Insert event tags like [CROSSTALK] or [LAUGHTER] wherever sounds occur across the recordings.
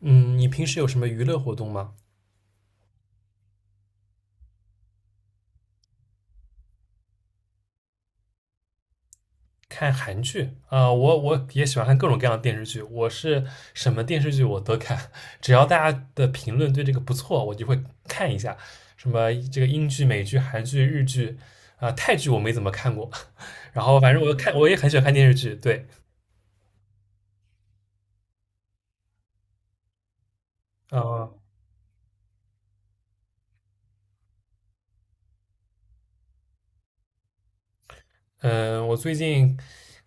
嗯，你平时有什么娱乐活动吗？看韩剧啊，我也喜欢看各种各样的电视剧，什么电视剧我都看，只要大家的评论对这个不错，我就会看一下。什么这个英剧、美剧、韩剧、日剧啊、泰剧我没怎么看过，[LAUGHS] 然后反正我也很喜欢看电视剧，对，嗯嗯，我最近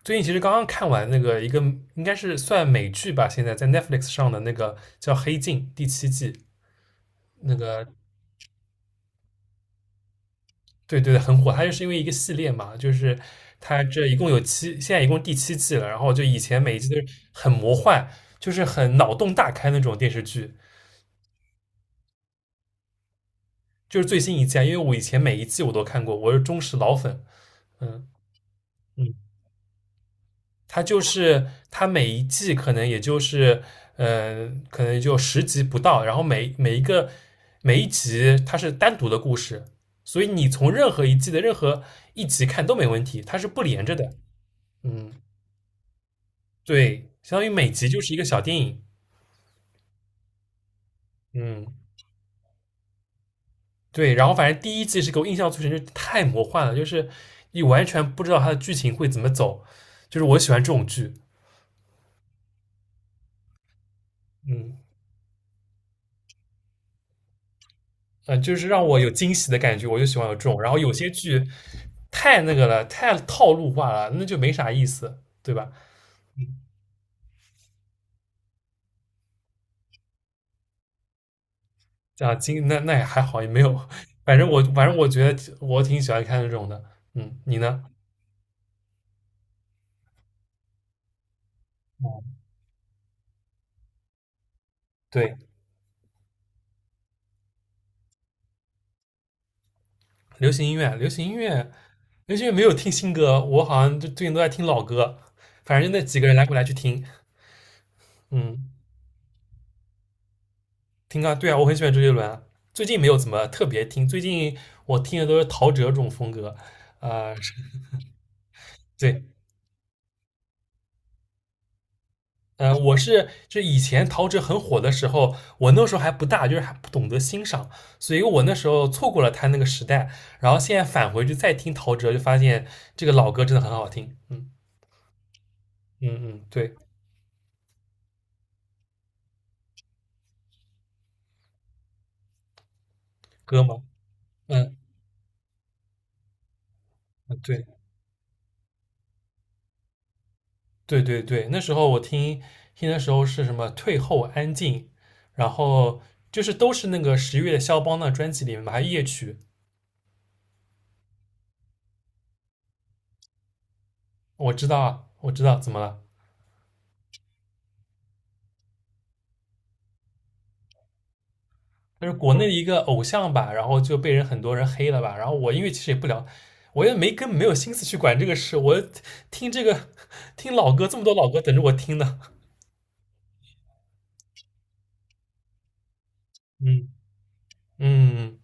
最近其实刚刚看完那个一个应该是算美剧吧，现在在 Netflix 上的那个叫《黑镜》第七季，那个对对对，很火。它就是因为一个系列嘛，就是它这一共有七，现在一共第七季了。然后就以前每一季都是很魔幻，就是很脑洞大开那种电视剧。就是最新一季啊因为我以前每一季我都看过，我是忠实老粉。嗯嗯，它就是它每一季可能也就是可能就十集不到，然后每一集它是单独的故事，所以你从任何一季的任何一集看都没问题，它是不连着的。嗯。对，相当于每集就是一个小电影。嗯，对。然后反正第一季是给我印象最深，就是太魔幻了，就是你完全不知道它的剧情会怎么走。就是我喜欢这种剧，嗯就是让我有惊喜的感觉，我就喜欢有这种。然后有些剧太那个了，太套路化了，那就没啥意思，对吧？啊，那也还好，也没有。反正我觉得我挺喜欢看这种的。嗯，你呢？嗯对，流行音乐，流行音乐。那因为没有听新歌，我好像就最近都在听老歌，反正就那几个人来回来去听，嗯，听啊，对啊，我很喜欢周杰伦，啊，最近没有怎么特别听，最近我听的都是陶喆这种风格，是对，就以前陶喆很火的时候，我那时候还不大，就是还不懂得欣赏，所以我那时候错过了他那个时代，然后现在返回去再听陶喆，就发现这个老歌真的很好听，嗯嗯嗯，对，歌嘛，嗯嗯对。对对对，那时候听的时候是什么退后安静，然后就是都是那个十月的肖邦的专辑里面嘛，还有夜曲。我知道啊，我知道怎么了，就是国内的一个偶像吧，然后就很多人黑了吧。然后我因为其实也不聊，我也没根本没有心思去管这个事，我听这个听老歌这么多老歌等着我听呢。[LAUGHS] 嗯嗯，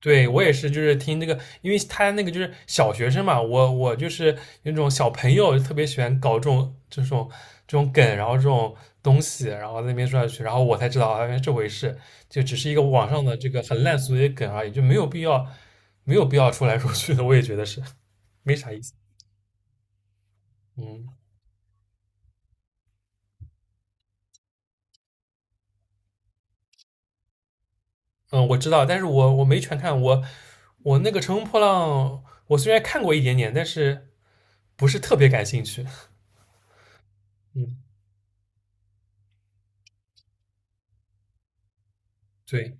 对，我也是，就是听这个，因为他那个就是小学生嘛，我就是那种小朋友，特别喜欢搞这种梗，然后这种东西，然后在那边说下去，然后我才知道啊，原来这回事，就只是一个网上的这个很烂俗的一个梗而已，就没有必要说来说去的，我也觉得是没啥意思。嗯嗯，我知道，但是我没全看，我那个《乘风破浪》，我虽然看过一点点，但是不是特别感兴趣。嗯，对。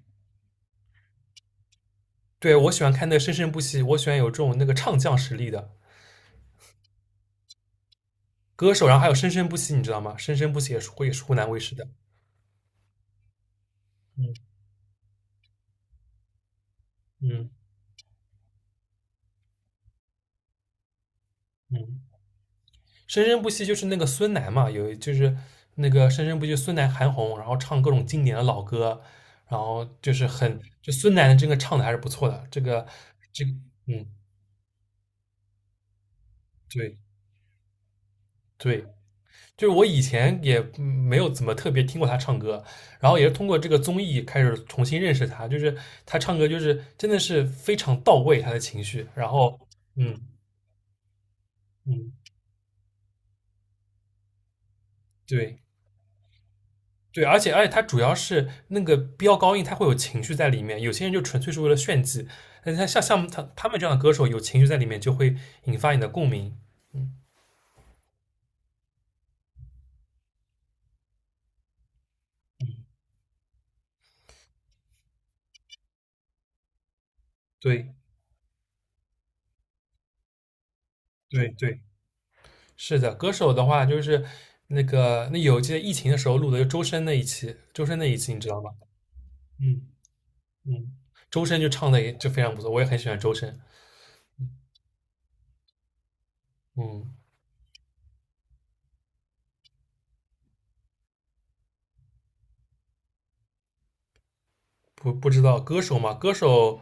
对我喜欢看那个生生不息，我喜欢有这种那个唱将实力的歌手，然后还有生生不息，你知道吗？生生不息也是湖南卫视的，嗯嗯嗯，生生不息就是那个孙楠嘛，有就是那个生生不息孙楠韩红，然后唱各种经典的老歌，然后就是很就孙楠的这个唱的还是不错的，这个这个嗯对对，就是我以前也没有怎么特别听过他唱歌，然后也是通过这个综艺开始重新认识他，就是他唱歌就是真的是非常到位，他的情绪，然后嗯嗯，对对，而且他主要是那个飙高音，他会有情绪在里面，有些人就纯粹是为了炫技，那像他们这样的歌手有情绪在里面，就会引发你的共鸣，嗯，对对对，是的，歌手的话就是。那个，那有记得疫情的时候录的，就周深那一期，周深那一期你知道吗？嗯嗯，周深就唱的也就非常不错，我也很喜欢周深。嗯，不知道歌手嘛，歌手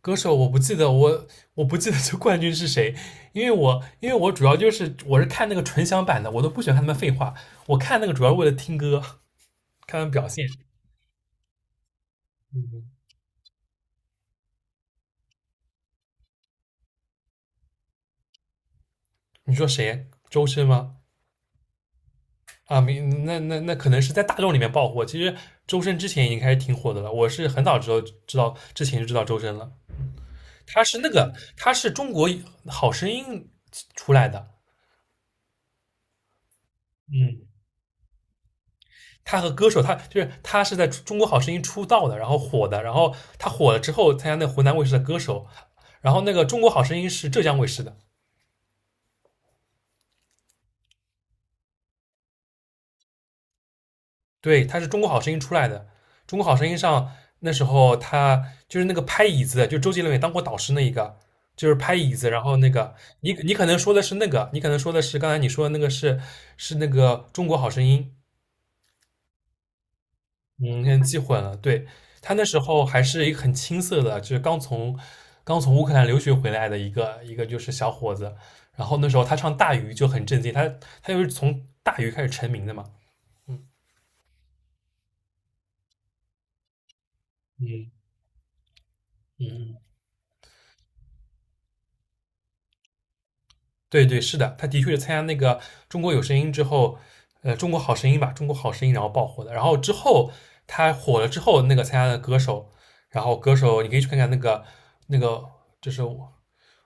歌手我不记得这冠军是谁，因为我主要就是我是看那个纯享版的，我都不喜欢看他们废话，我看那个主要是为了听歌，看他们表现。嗯，你说谁？周深吗？啊，没，那可能是在大众里面爆火。其实周深之前已经开始挺火的了，我是很早知道之前就知道周深了。他是那个，他是中国好声音出来的，嗯，他和歌手，他是在中国好声音出道的，然后火的，然后他火了之后参加那湖南卫视的歌手，然后那个中国好声音是浙江卫视的，对，他是中国好声音出来的，中国好声音上那时候他就是那个拍椅子的就周杰伦也当过导师那一个。就是拍椅子，然后那个你可能说的是那个，你可能说的是刚才你说的那个是那个中国好声音，嗯，现在记混了。对，他那时候还是一个很青涩的，就是刚从乌克兰留学回来的一个就是小伙子。然后那时候他唱《大鱼》就很震惊，他就是从《大鱼》开始成名的嘛。嗯嗯，对对，是的，他的确是参加那个《中国有声音》之后，《中国好声音》吧，《中国好声音》然后爆火的。然后之后他火了之后，那个参加的歌手，然后歌手你可以去看看那个那个，就是我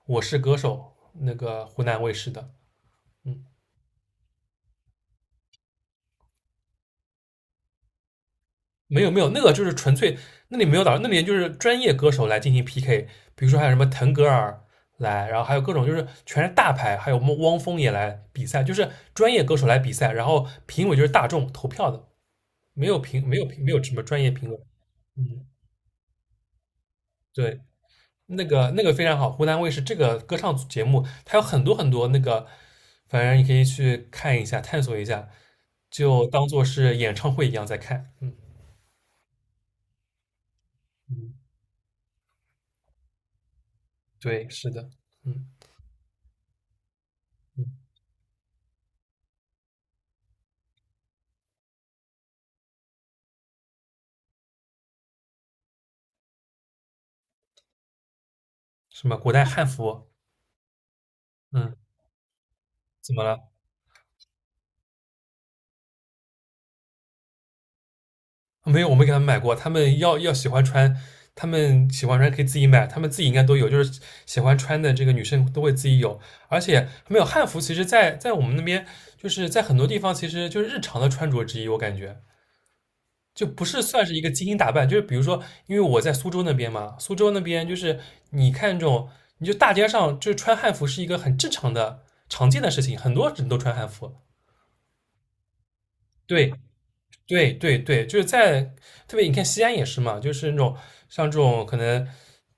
我是歌手那个湖南卫视的，嗯。没有没有，那个就是纯粹，那里没有导，师，那里就是专业歌手来进行 PK，比如说还有什么腾格尔来，然后还有各种就是全是大牌，还有我们汪峰也来比赛，就是专业歌手来比赛，然后评委就是大众投票的，没有什么专业评委。嗯，对，那个非常好，湖南卫视这个歌唱组节目，它有很多很多那个，反正你可以去看一下，探索一下，就当做是演唱会一样在看。嗯嗯，对，是的，嗯嗯。什么古代汉服？嗯，怎么了？没有，我没给他们买过。他们要喜欢穿，他们喜欢穿可以自己买，他们自己应该都有，就是喜欢穿的这个女生都会自己有。而且没有汉服，其实在我们那边，就是在很多地方，其实就是日常的穿着之一，我感觉。就不是算是一个精心打扮，就是比如说，因为我在苏州那边嘛，苏州那边就是你看这种，你就大街上就是穿汉服是一个很正常的、常见的事情，很多人都穿汉服。对，对对对，就是在特别你看西安也是嘛，就是那种像这种可能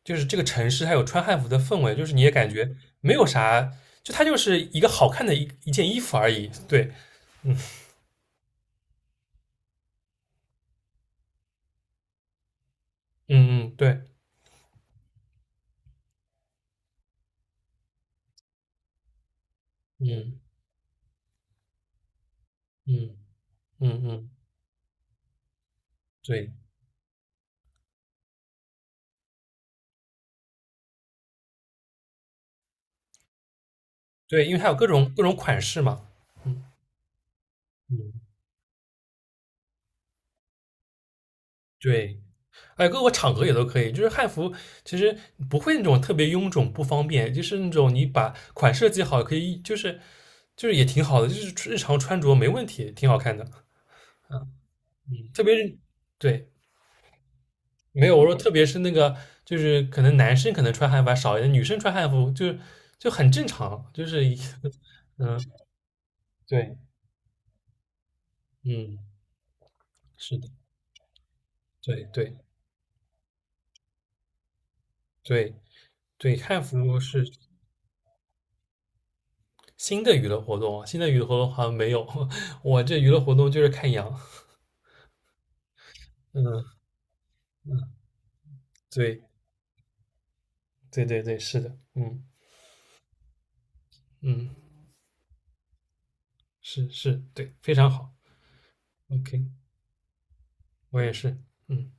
就是这个城市它有穿汉服的氛围，就是你也感觉没有啥，就它就是一个好看的一件衣服而已。对，嗯嗯对，嗯嗯嗯嗯，对对，因为它有各种各种款式嘛，嗯嗯对。哎，各个场合也都可以。就是汉服其实不会那种特别臃肿不方便，就是那种你把款设计好，可以就是也挺好的，就是日常穿着没问题，挺好看的。嗯，特别是对，没有我说，特别是那个就是可能男生可能穿汉服还少一点，女生穿汉服就很正常，就是一 [LAUGHS] 嗯对嗯是的对对对对，汉服是新的娱乐活动，新的娱乐活动好像没有。[LAUGHS] 我这娱乐活动就是看羊。嗯，对对对对，是的，嗯嗯，是是，对，非常好，OK，我也是，嗯。